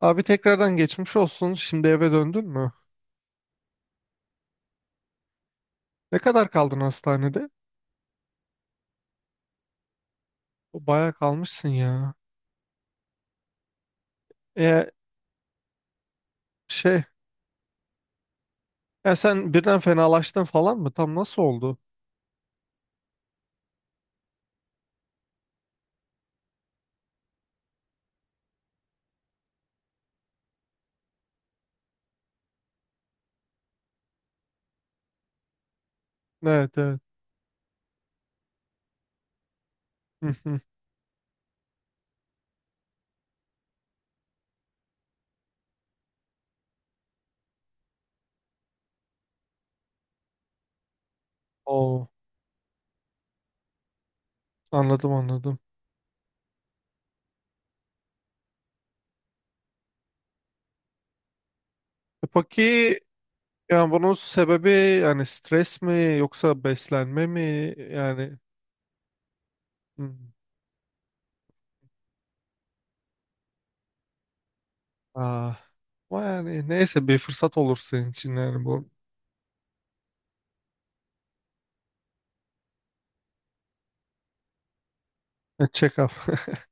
Abi tekrardan geçmiş olsun. Şimdi eve döndün mü? Ne kadar kaldın hastanede? O bayağı kalmışsın ya. E şey, ya sen birden fenalaştın falan mı? Tam nasıl oldu? Evet, evet. Hı hı. Oo, anladım, anladım. Peki yani bunun sebebi, yani stres mi yoksa beslenme mi? Yani, hmm, ah. Ama yani neyse, bir fırsat olur senin için yani bu check-up.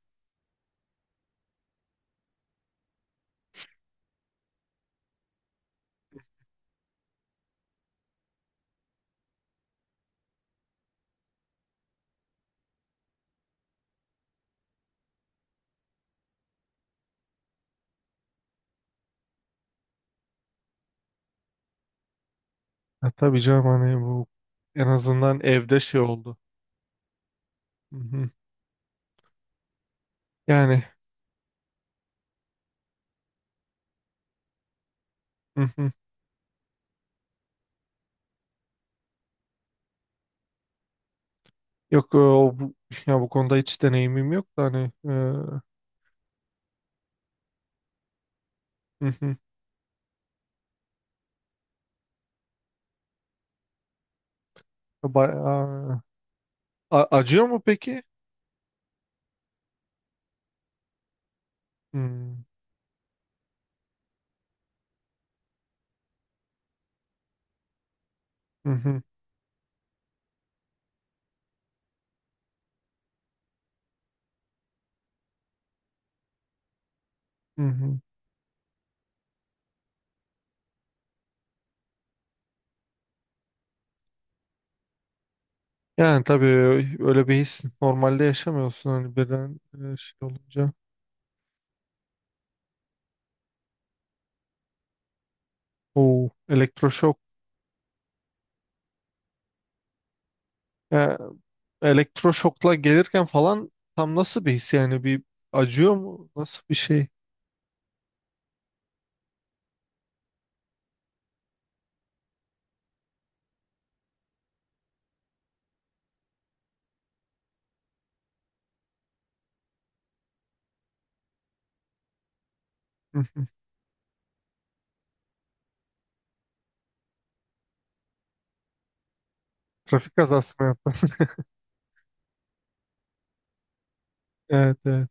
Ya tabii canım, hani bu en azından evde şey oldu. Hı hı. Yani. Hı hı. Yok, ya bu konuda hiç deneyimim yok da hani hı hı. Bayağı- Acıyor mu peki? Hmm. Hı hı. Hı hı. Yani tabii öyle bir his normalde yaşamıyorsun hani birden, şey olunca. O elektroşok. Ya, elektroşokla gelirken falan tam nasıl bir his, yani bir, acıyor mu? Nasıl bir şey? Hı hı. Trafik kazası mı yaptın? Evet, evet.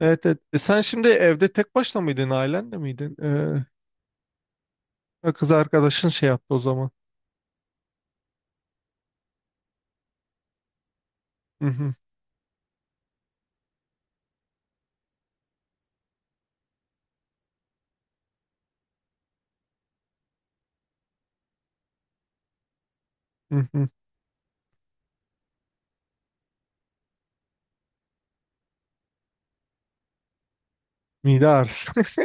Evet, evet. Sen şimdi evde tek başına mıydın, ailenle miydin? Ha, kız arkadaşın şey yaptı o zaman. Hı hı, hı hı. Mide ağrısı.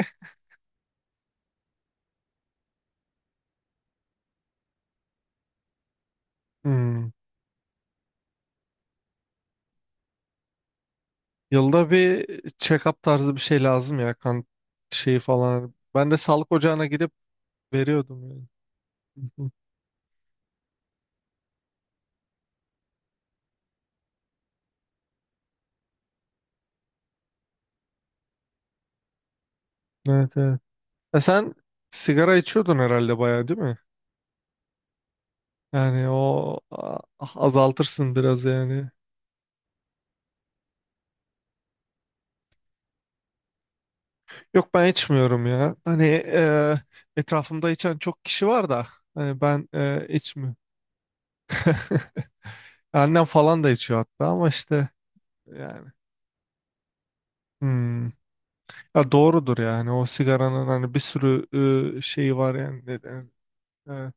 Hmm. Yılda bir check-up tarzı bir şey lazım ya, kan şeyi falan. Ben de sağlık ocağına gidip veriyordum yani. Hı hı. Evet, evet. Sen sigara içiyordun herhalde, bayağı, değil mi? Yani o azaltırsın biraz yani. Yok, ben içmiyorum ya. Hani, etrafımda içen çok kişi var da hani ben içmiyorum. Annem falan da içiyor hatta, ama işte yani. Hmm. Ya doğrudur yani, o sigaranın hani bir sürü şeyi var yani, neden. Evet.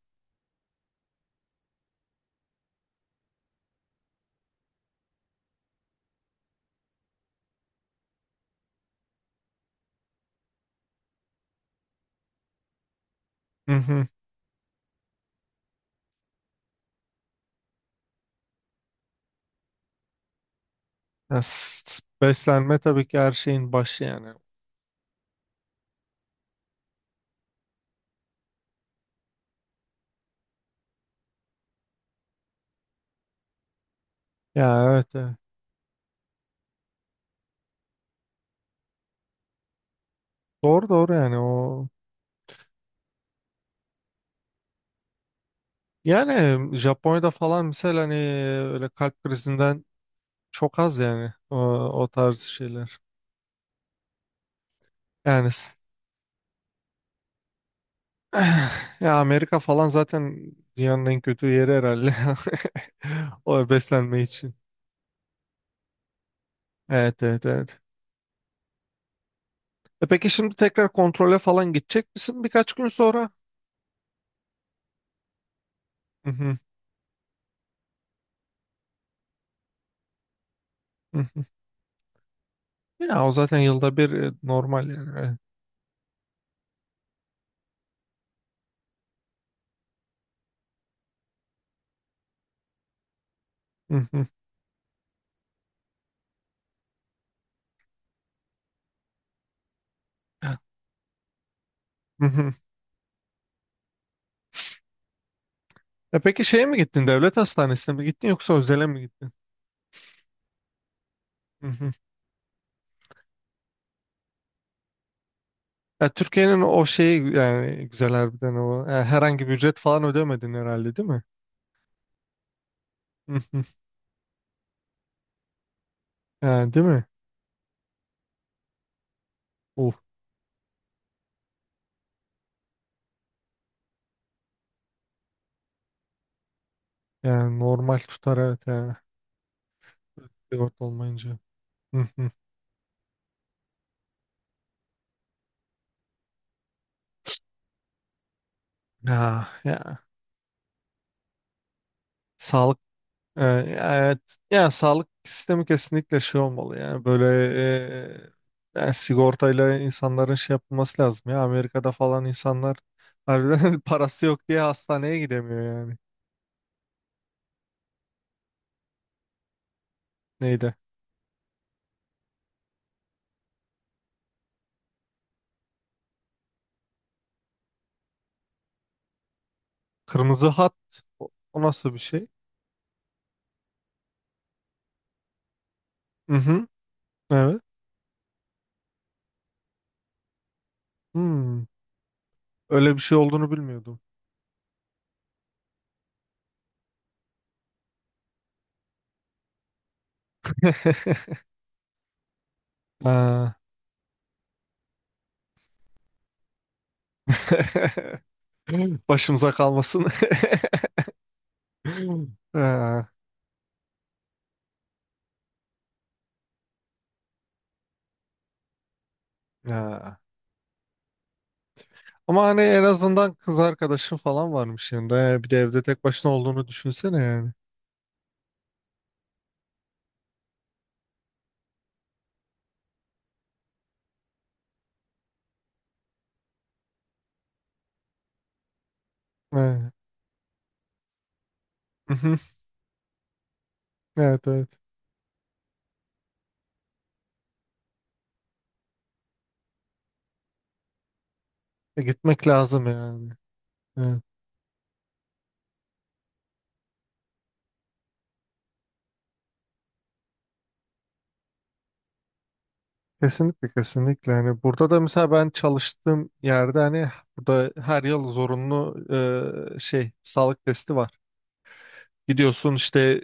Hı hı. Ya, beslenme tabii ki her şeyin başı yani. Ya evet, evet. Doğru, doğru yani, o yani Japonya'da falan mesela hani öyle kalp krizinden çok az yani, o tarz şeyler. Yani ya Amerika falan zaten dünyanın en kötü yeri herhalde, o beslenme için. Evet, evet, evet. Peki şimdi tekrar kontrole falan gidecek misin birkaç gün sonra? Hı hı, hı hı. Ya o zaten yılda bir, normal yani. Evet. Hı hı, hı hı. Peki şeye mi gittin? Devlet hastanesine mi gittin yoksa özele mi gittin? Hı hı. Ya Türkiye'nin o şeyi yani, güzel harbiden o. Herhangi bir ücret falan ödemedin herhalde, değil mi? Hı hı. Yani, değil mi? Of. Yani normal tutar, evet yani. Sigorta olmayınca. Hı hı. Ya, ya. Sağlık. Ee, Evet, yani sağlık sistemi kesinlikle şey olmalı yani böyle, yani sigortayla insanların şey yapılması lazım ya, Amerika'da falan insanlar harbiden parası yok diye hastaneye gidemiyor yani. Neydi, kırmızı hat, o nasıl bir şey? Hı hı, evet. Hmm, öyle bir şey olduğunu bilmiyordum. Ha. Başımıza kalmasın. Ha, ha. Ama hani en azından kız arkadaşın falan varmış yanında. Bir de evde tek başına olduğunu düşünsene yani. Evet. Mhm. Evet, evet. Gitmek lazım yani. Evet. Kesinlikle, kesinlikle. Hani burada da mesela ben çalıştığım yerde hani, burada her yıl zorunlu şey sağlık testi var. Gidiyorsun işte,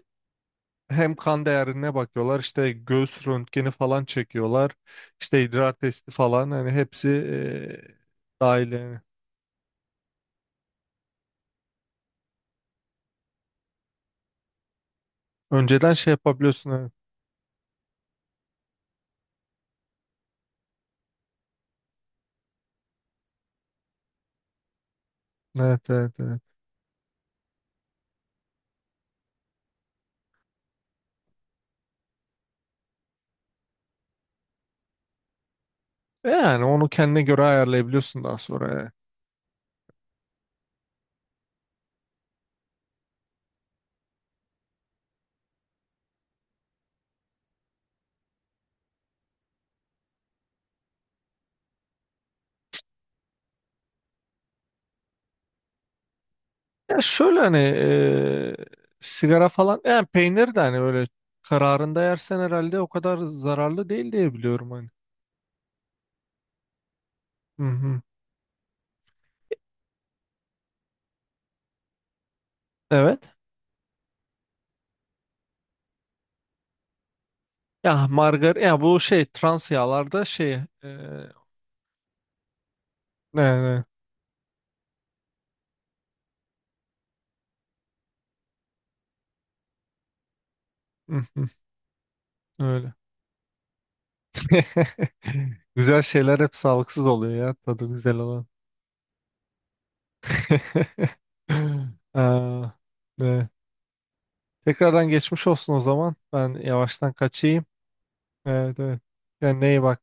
hem kan değerine bakıyorlar, işte göğüs röntgeni falan çekiyorlar. İşte idrar testi falan, hani hepsi dahil yani. Önceden şey yapabiliyorsun. Evet. Evet, evet, evet. Yani onu kendine göre ayarlayabiliyorsun daha sonra. Yani. Ya şöyle, hani sigara falan yani, peynir de hani böyle kararında yersen herhalde o kadar zararlı değil diye biliyorum hani. Hı hı. Evet. Ya margarin ya bu şey, trans yağlarda şey, ne ne. Hı hı. Öyle. Güzel şeyler hep sağlıksız oluyor ya, tadı güzel olan. Aa, evet. Tekrardan geçmiş olsun o zaman. Ben yavaştan kaçayım. Evet, evet. Yani neye bak